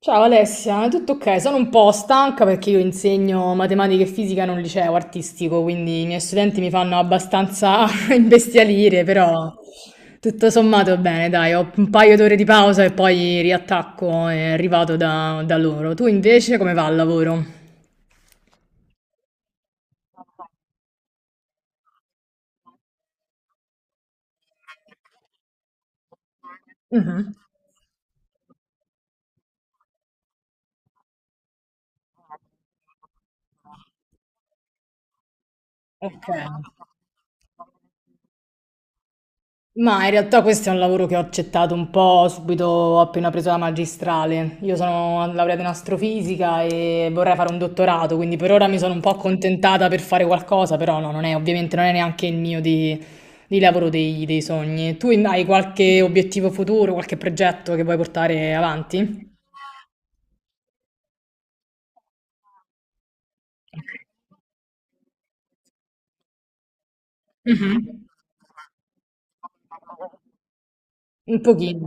Ciao Alessia, è tutto ok? Sono un po' stanca perché io insegno matematica e fisica in un liceo artistico, quindi i miei studenti mi fanno abbastanza imbestialire, però tutto sommato bene, dai, ho un paio d'ore di pausa e poi riattacco e arrivato da loro. Tu invece come va al lavoro? Mhm. Ok. Ma in realtà questo è un lavoro che ho accettato un po' subito appena preso la magistrale. Io sono laureata in astrofisica e vorrei fare un dottorato, quindi per ora mi sono un po' accontentata per fare qualcosa, però no, non è, ovviamente non è neanche il mio di lavoro dei sogni. Tu hai qualche obiettivo futuro, qualche progetto che vuoi portare avanti? Mhm. Un pochino.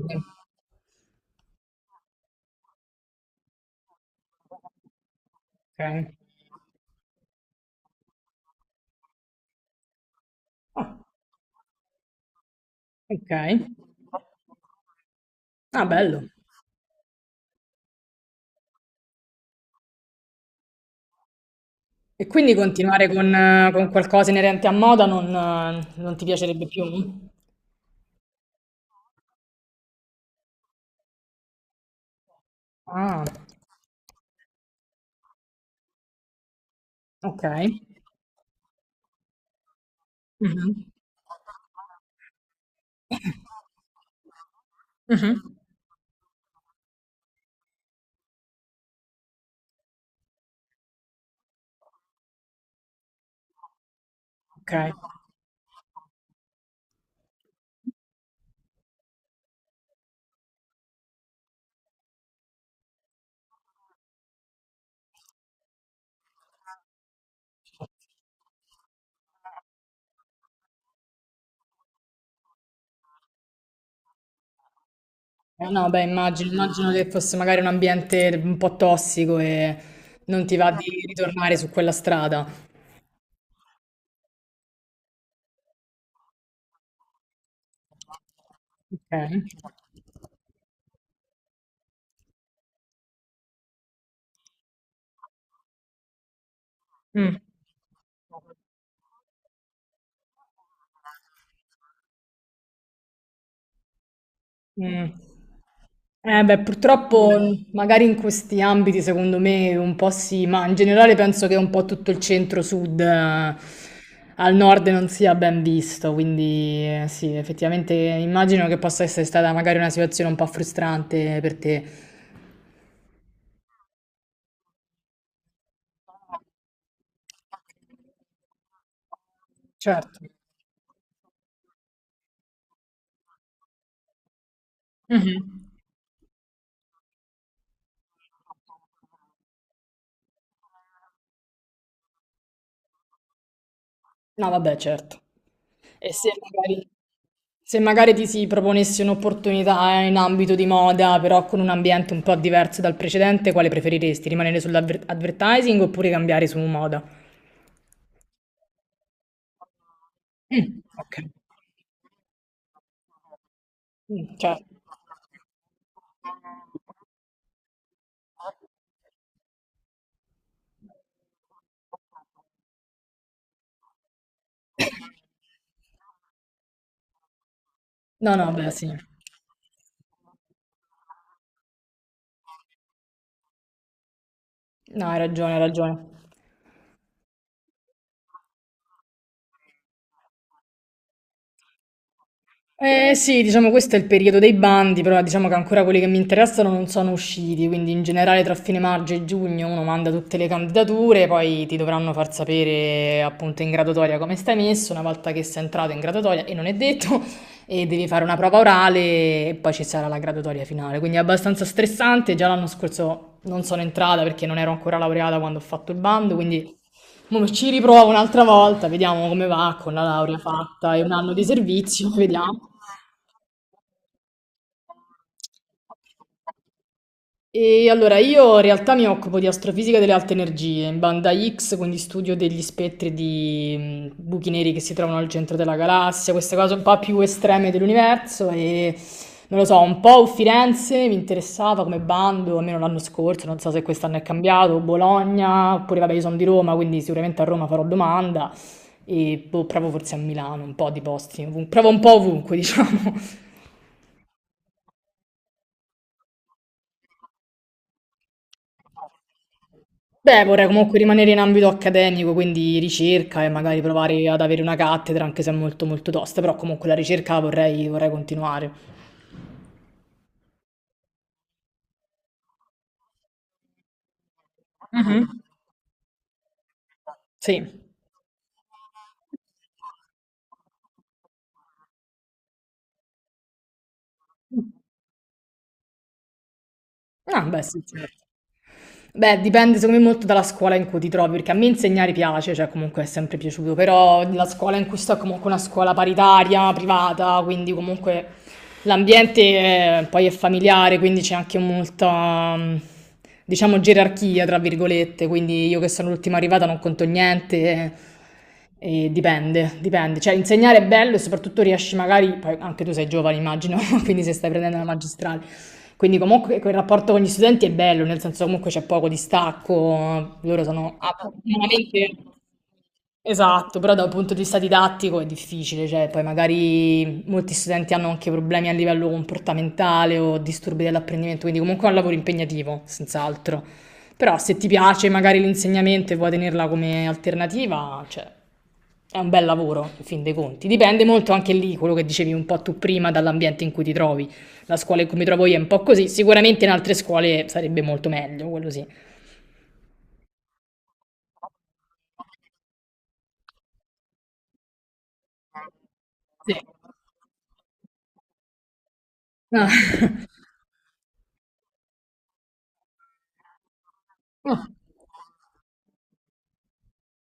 Sì. Ok. Ah, ok. Ah, bello. E quindi continuare con, con qualcosa inerente a moda non, non ti piacerebbe più? Ah, ok. Mhm. Mhm. Ok. No, beh, immagino che fosse magari un ambiente un po' tossico e non ti va di ritornare su quella strada. Ok. Mm. Mm. Eh beh, purtroppo magari in questi ambiti secondo me un po' sì, ma in generale penso che un po' tutto il centro-sud al nord non sia ben visto, quindi sì, effettivamente immagino che possa essere stata magari una situazione un po' frustrante per te. Certo. Mhm. No, vabbè, certo. E se magari ti si proponesse un'opportunità in ambito di moda, però con un ambiente un po' diverso dal precedente, quale preferiresti? Rimanere sull'advertising oppure cambiare su moda? Mm, ok. Mm, certo. No, no, beh, sì. No, hai ragione, hai ragione. Eh sì, diciamo questo è il periodo dei bandi, però diciamo che ancora quelli che mi interessano non sono usciti, quindi in generale tra fine maggio e giugno uno manda tutte le candidature, poi ti dovranno far sapere appunto in graduatoria come stai messo, una volta che sei entrato in graduatoria, e non è detto, e devi fare una prova orale e poi ci sarà la graduatoria finale, quindi è abbastanza stressante, già l'anno scorso non sono entrata perché non ero ancora laureata quando ho fatto il bando, quindi. Mo ci riprovo un'altra volta, vediamo come va con la laurea fatta e un anno di servizio, vediamo. E allora io in realtà mi occupo di astrofisica delle alte energie, in banda X, quindi studio degli spettri di buchi neri che si trovano al centro della galassia, queste cose un po' più estreme dell'universo e non lo so, un po' Firenze mi interessava come bando, almeno l'anno scorso, non so se quest'anno è cambiato, Bologna, oppure vabbè io sono di Roma, quindi sicuramente a Roma farò domanda e boh, provo forse a Milano, un po' di posti, provo un po' ovunque diciamo. Beh, vorrei comunque rimanere in ambito accademico, quindi ricerca e magari provare ad avere una cattedra, anche se è molto molto tosta, però comunque la ricerca la vorrei continuare. Mhm. Sì. Ah, beh, sì, certo. Beh, dipende secondo me molto dalla scuola in cui ti trovi, perché a me insegnare piace, cioè comunque è sempre piaciuto, però la scuola in cui sto è comunque una scuola paritaria, privata, quindi comunque l'ambiente poi è familiare, quindi c'è anche molta, diciamo, gerarchia, tra virgolette, quindi io che sono l'ultima arrivata non conto niente. E dipende, dipende. Cioè, insegnare è bello e soprattutto riesci magari, poi anche tu sei giovane, immagino, quindi se stai prendendo la magistrale, quindi comunque quel rapporto con gli studenti è bello, nel senso comunque c'è poco distacco, loro sono veramente. Esatto, però da un punto di vista didattico è difficile, cioè poi magari molti studenti hanno anche problemi a livello comportamentale o disturbi dell'apprendimento, quindi comunque è un lavoro impegnativo, sens'altro. Però se ti piace magari l'insegnamento e vuoi tenerla come alternativa, cioè, è un bel lavoro, in fin dei conti. Dipende molto anche lì, quello che dicevi un po' tu prima, dall'ambiente in cui ti trovi. La scuola in cui mi trovo io è un po' così. Sicuramente in altre scuole sarebbe molto meglio, quello sì. Sì. Ah, ah,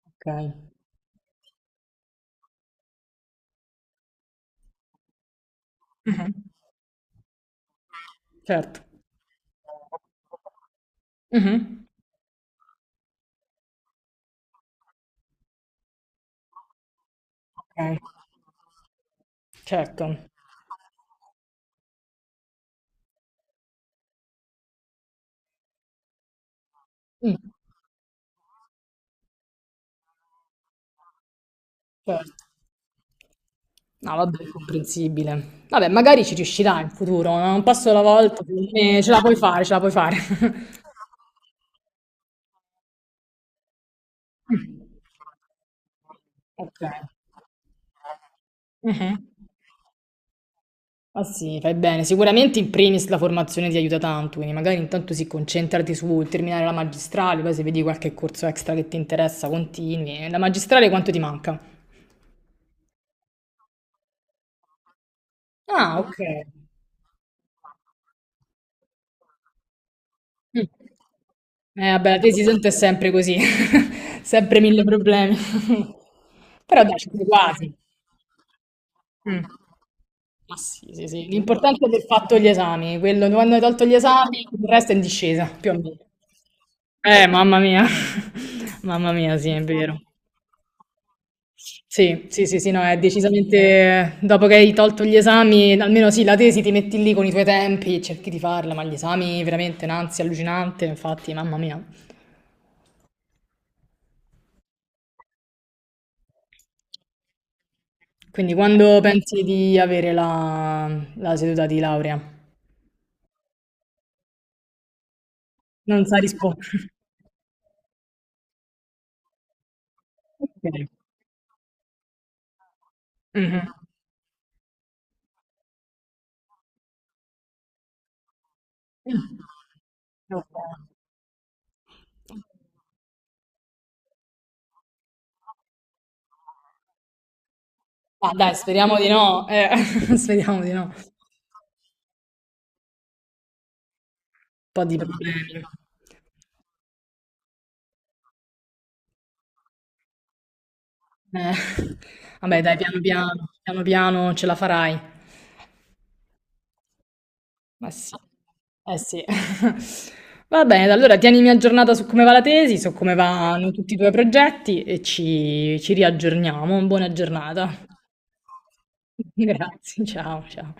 ok, mhm, certo. Mhm. Ok, certo. Mm, certo. No, vabbè, è comprensibile. Vabbè, magari ci riuscirà in futuro, no? Un passo alla volta, secondo me ce la puoi fare, ce la puoi fare. Mm. Ok. Mhm. Ah sì, fai bene. Sicuramente in primis la formazione ti aiuta tanto, quindi magari intanto si concentrati su terminare la magistrale, poi se vedi qualche corso extra che ti interessa, continui. E la magistrale quanto ti manca? Ah, ok. Mm. Vabbè, la tesi tanto è sempre così, sempre mille problemi. Però dai, ci sei quasi. Mm. Ma sì, sì, sì. L'importante è aver fatto gli esami, quello quando hai tolto gli esami, il resto è in discesa, più o meno. Mamma mia, mamma mia, sì, è vero. Sì, sì, sì, sì, no, è decisamente dopo che hai tolto gli esami, almeno sì, la tesi ti metti lì con i tuoi tempi, cerchi di farla, ma gli esami veramente un'ansia allucinante, infatti, mamma mia. Quindi quando pensi di avere la seduta di laurea? Non sa rispondere. Ok. Mhm. Ok. Ma dai, speriamo di no, speriamo di no. Un po' di problemi. Eh. Vabbè dai, piano piano, piano piano ce la farai. Ma sì, eh sì. Va bene, allora tienimi aggiornata su come va la tesi, su come vanno tutti i tuoi progetti e ci riaggiorniamo. Buona giornata. Grazie, ciao, ciao.